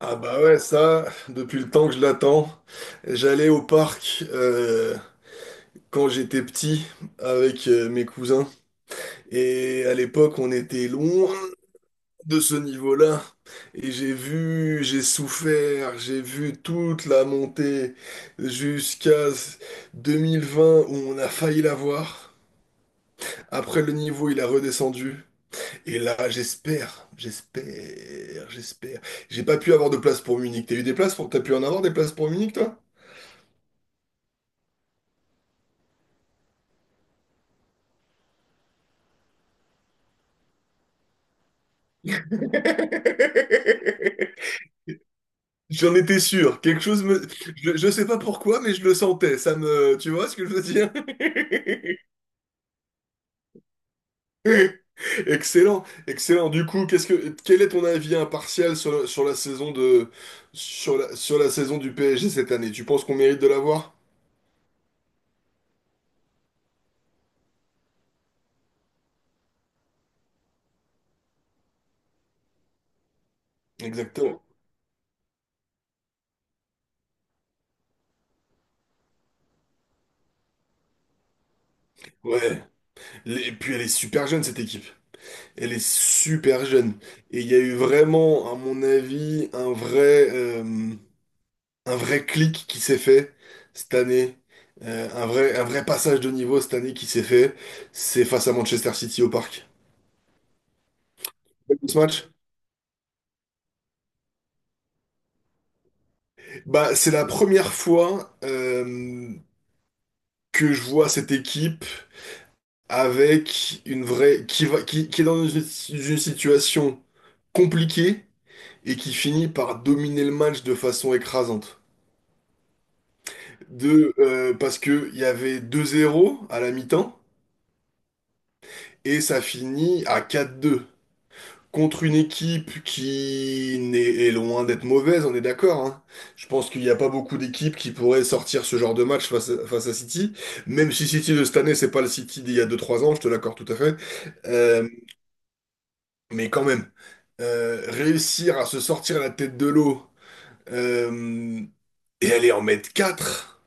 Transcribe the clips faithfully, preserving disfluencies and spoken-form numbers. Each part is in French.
Ah bah ouais, ça, depuis le temps que je l'attends, j'allais au parc euh, quand j'étais petit avec euh, mes cousins. Et à l'époque, on était loin de ce niveau-là. Et j'ai vu, j'ai souffert, j'ai vu toute la montée jusqu'à deux mille vingt où on a failli l'avoir. Après le niveau, il a redescendu. Et là, j'espère, j'espère, j'espère. J'ai pas pu avoir de place pour Munich. T'as eu des places pour... T'as pu en avoir des places pour Munich, toi? J'en étais sûr. Quelque chose me... Je, je sais pas pourquoi, mais je le sentais. Ça me... Tu vois ce que je veux dire? Excellent, excellent. Du coup, qu'est-ce que... quel est ton avis impartial sur la, sur la saison de... sur la, sur la saison du P S G cette année? Tu penses qu'on mérite de l'avoir? Exactement. Ouais. Et puis elle est super jeune, cette équipe. Elle est super jeune. Et il y a eu vraiment, à mon avis, un vrai... euh, un vrai clic qui s'est fait cette année, euh, un vrai, un vrai passage de niveau cette année qui s'est fait, c'est face à Manchester City au Parc. De Ce match, bah, c'est la première fois euh, que je vois cette équipe avec une vraie qui va, qui, qui est dans une, une situation compliquée et qui finit par dominer le match de façon écrasante. De, euh, parce que il y avait deux zéro à la mi-temps et ça finit à quatre deux. Contre une équipe qui n'est- est loin d'être mauvaise, on est d'accord, hein. Je pense qu'il n'y a pas beaucoup d'équipes qui pourraient sortir ce genre de match face à, face à City. Même si City de cette année, c'est pas le City d'il y a deux trois ans, je te l'accorde tout à fait. Euh, mais quand même, euh, réussir à se sortir la tête de l'eau euh, et aller en mettre quatre.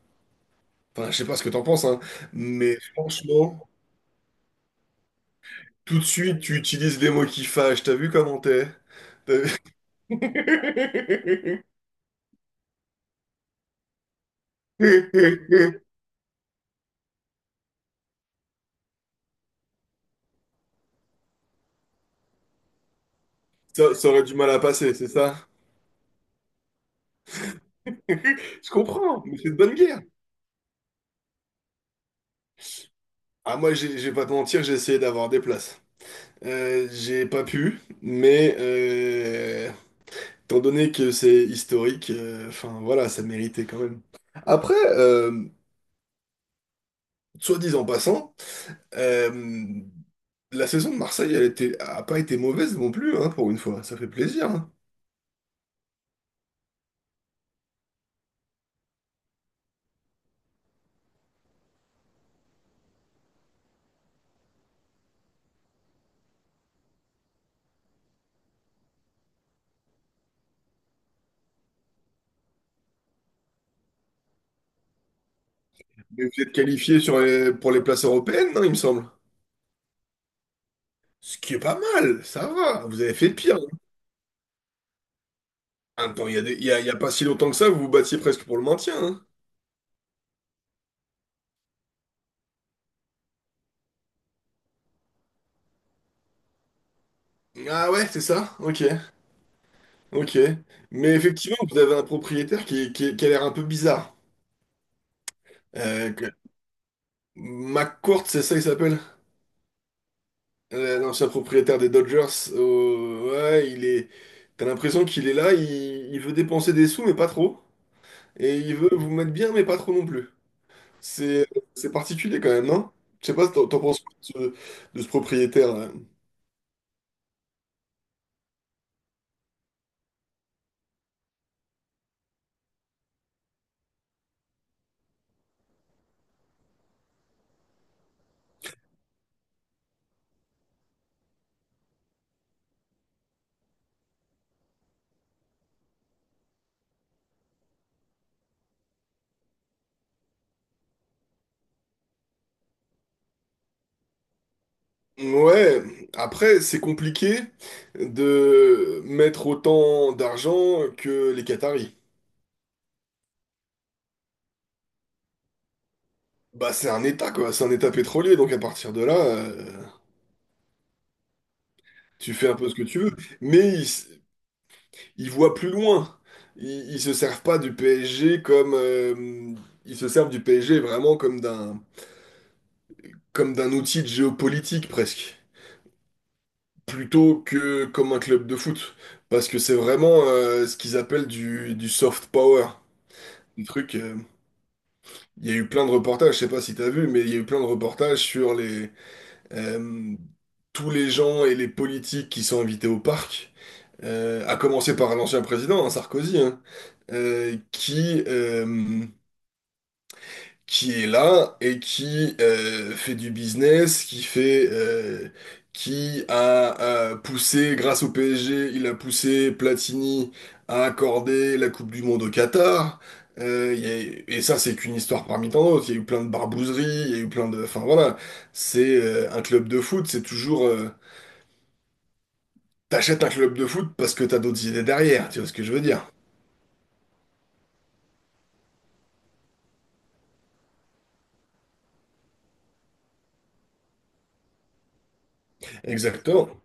Enfin, je sais pas ce que t'en penses, hein, mais franchement, tout de suite, tu utilises les mots qui fâchent. T'as vu comment t'es? T'as vu Ça, ça aurait du mal à passer, c'est ça? Je comprends, mais c'est de bonne guerre. Ah, moi, j'ai, je vais pas te mentir, j'ai essayé d'avoir des places. Euh, j'ai pas pu, mais euh, étant donné que c'est historique, euh, enfin voilà, ça méritait quand même. Après, euh, soit dit en passant, euh, la saison de Marseille, elle était, a pas été mauvaise non plus, hein, pour une fois. Ça fait plaisir. Hein. Mais vous êtes qualifié sur les- pour les places européennes, non, il me semble. Ce qui est pas mal, ça va. Vous avez fait pire. Hein. En même temps, il y a, des- il y a- il y a pas si longtemps que ça, vous vous battiez presque pour le maintien. Hein. Ah ouais, c'est ça? Ok, ok. Mais effectivement, vous avez un propriétaire qui, qui- qui a l'air un peu bizarre. Euh, que- McCourt, c'est ça, il s'appelle? Euh, L'ancien propriétaire des Dodgers. Oh, ouais, il est... T'as l'impression qu'il est là, il, il veut dépenser des sous, mais pas trop. Et il veut vous mettre bien, mais pas trop non plus. C'est c'est particulier quand même, non? Je sais pas, t'en t'en penses quoi de ce, de ce propriétaire? Ouais, après, c'est compliqué de mettre autant d'argent que les Qataris. Bah, c'est un État, quoi. C'est un État pétrolier, donc à partir de là, euh, tu fais un peu ce que tu veux. Mais ils, s- ils voient plus loin. Ils, ils se servent pas du P S G comme... euh, ils se servent du P S G vraiment comme d'un comme d'un outil de géopolitique, presque. Plutôt que comme un club de foot. Parce que c'est vraiment euh, ce qu'ils appellent du, du soft power. Un truc... Il y a eu plein de reportages, je sais pas si t'as vu, mais il y a eu plein de reportages sur les euh, tous les gens et les politiques qui sont invités au parc, euh, à commencer par l'ancien président, hein, Sarkozy, hein, euh, qui euh, qui est là et qui euh, fait du business, qui fait, euh, qui a euh, poussé, grâce au P S G, il a poussé Platini à accorder la Coupe du Monde au Qatar. Euh, il y a- et ça, c'est qu'une histoire parmi tant d'autres. Il y a eu plein de barbouzeries, il y a eu plein de... Enfin voilà, c'est euh, un club de foot, c'est toujours... euh, T'achètes un club de foot parce que t'as d'autres idées derrière, tu vois ce que je veux dire? Exactement,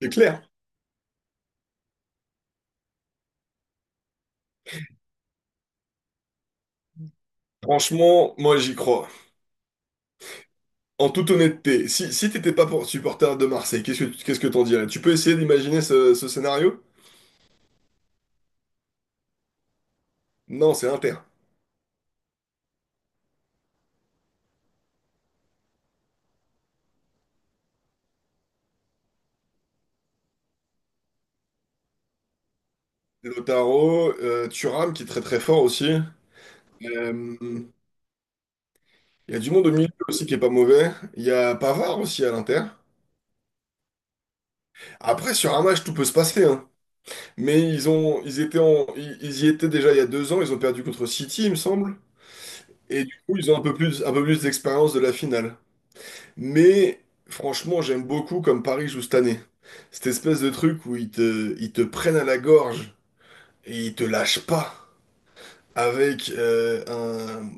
c'est clair. Franchement, moi j'y crois. En toute honnêteté, si, si t'étais pas pour- supporter de Marseille, qu'est-ce que qu'est-ce que t'en dirais? Tu peux essayer d'imaginer ce, ce scénario? Non, c'est Inter. Lautaro, euh, Thuram qui est très très fort aussi. Euh, Il y a du monde au milieu aussi qui est pas mauvais. Il y a Pavard aussi à l'Inter. Après, sur un match, tout peut se passer, hein. Mais ils ont, ils étaient en, ils, ils y étaient déjà il y a deux ans. Ils ont perdu contre City, il me semble. Et du coup, ils ont un peu plus, un peu plus d'expérience de la finale. Mais franchement, j'aime beaucoup comme Paris joue cette année. Cette espèce de truc où ils te, ils te prennent à la gorge et ils te lâchent pas. Avec euh, un...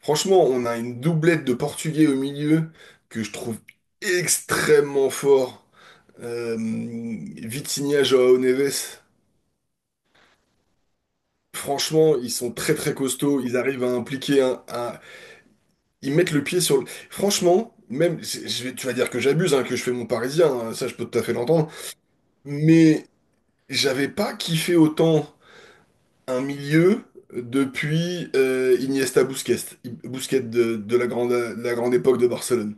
Franchement, on a une doublette de Portugais au milieu que je trouve extrêmement fort. Euh, Vitinha, João Neves. Franchement, ils sont très très costauds. Ils arrivent à impliquer un, à- Ils mettent le pied sur le... Franchement, même... je- je vais- Tu vas dire que j'abuse, hein, que je fais mon parisien. Hein, ça, je peux tout à fait l'entendre. Mais j'avais pas kiffé autant un milieu depuis euh, Iniesta Busquets, Busquets de, de la grande, de la grande époque de Barcelone.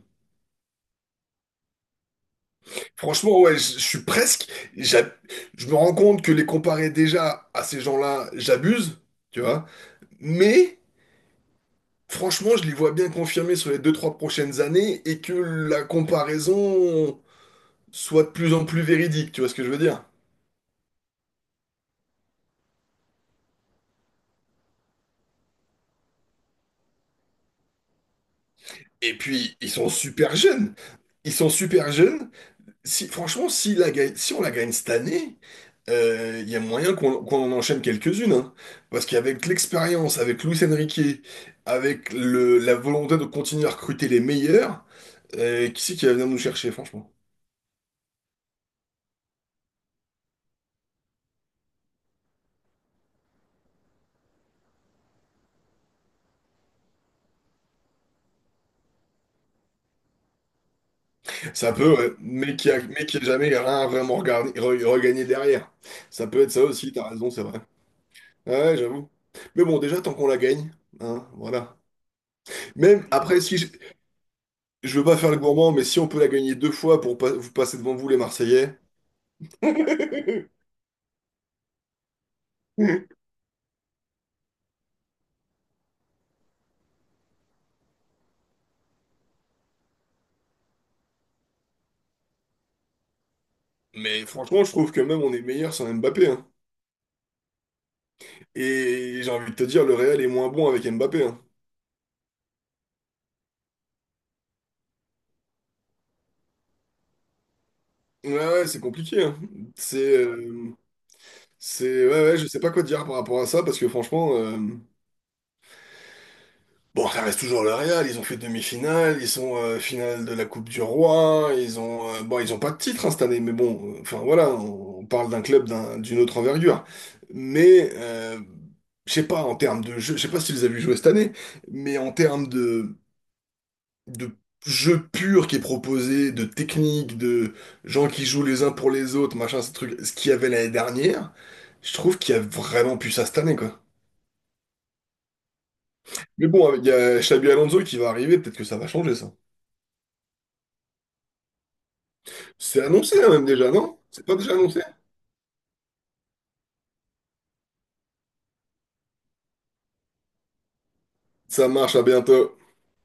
Franchement, ouais, je je suis presque. j'a- Je me rends compte que les comparer déjà à ces gens-là, j'abuse, tu vois. Mais franchement, je les vois bien confirmés sur les deux, trois prochaines années et que la comparaison soit de plus en plus véridique, tu vois ce que je veux dire? Et puis, ils sont super jeunes. Ils sont super jeunes. Si, franchement, si, la gagne- si on la gagne cette année, euh, il y a moyen qu'on qu'on en enchaîne quelques-unes. Hein. Parce qu'avec l'expérience, avec Luis Enrique, avec le, la volonté de continuer à recruter les meilleurs, euh, qui c'est qui va venir nous chercher, franchement? Ça peut, ouais, mais qui a, mais qui a jamais rien vraiment regardé, re- regagné derrière. Ça peut être ça aussi, t'as raison, c'est vrai. Ouais, j'avoue. Mais bon, déjà, tant qu'on la gagne, hein, voilà. Même après, si je, je veux pas faire le gourmand, mais si on peut la gagner deux fois pour pas, vous passer devant vous, les Marseillais. Mais franchement, je trouve que même on est meilleur sans Mbappé. Hein. Et j'ai envie de te dire, le Real est moins bon avec Mbappé. Hein. Ouais, ouais, c'est compliqué. Hein. C'est, euh, c'est, ouais, ouais, je sais pas quoi te dire par rapport à ça parce que franchement, euh, bon, ça reste toujours le Real. Ils ont fait demi-finale, ils sont euh, finale de la Coupe du Roi. Ils ont, euh, bon, ils ont pas de titre hein, cette année, mais bon, euh, enfin voilà, on, on parle d'un club d'un- d'une autre envergure. Mais euh, je sais pas en termes de jeu, je sais pas si tu les as vus jouer cette année, mais en termes de de jeu pur qui est proposé, de techniques, de gens qui jouent les uns pour les autres, machin, ce truc, ce qu'il y avait l'année dernière, je trouve qu'il y a vraiment plus ça cette année, quoi. Mais bon, il y a Xabi Alonso qui va arriver, peut-être que ça va changer ça. C'est annoncé, hein, même déjà, non? C'est pas déjà annoncé? Ça marche, à bientôt.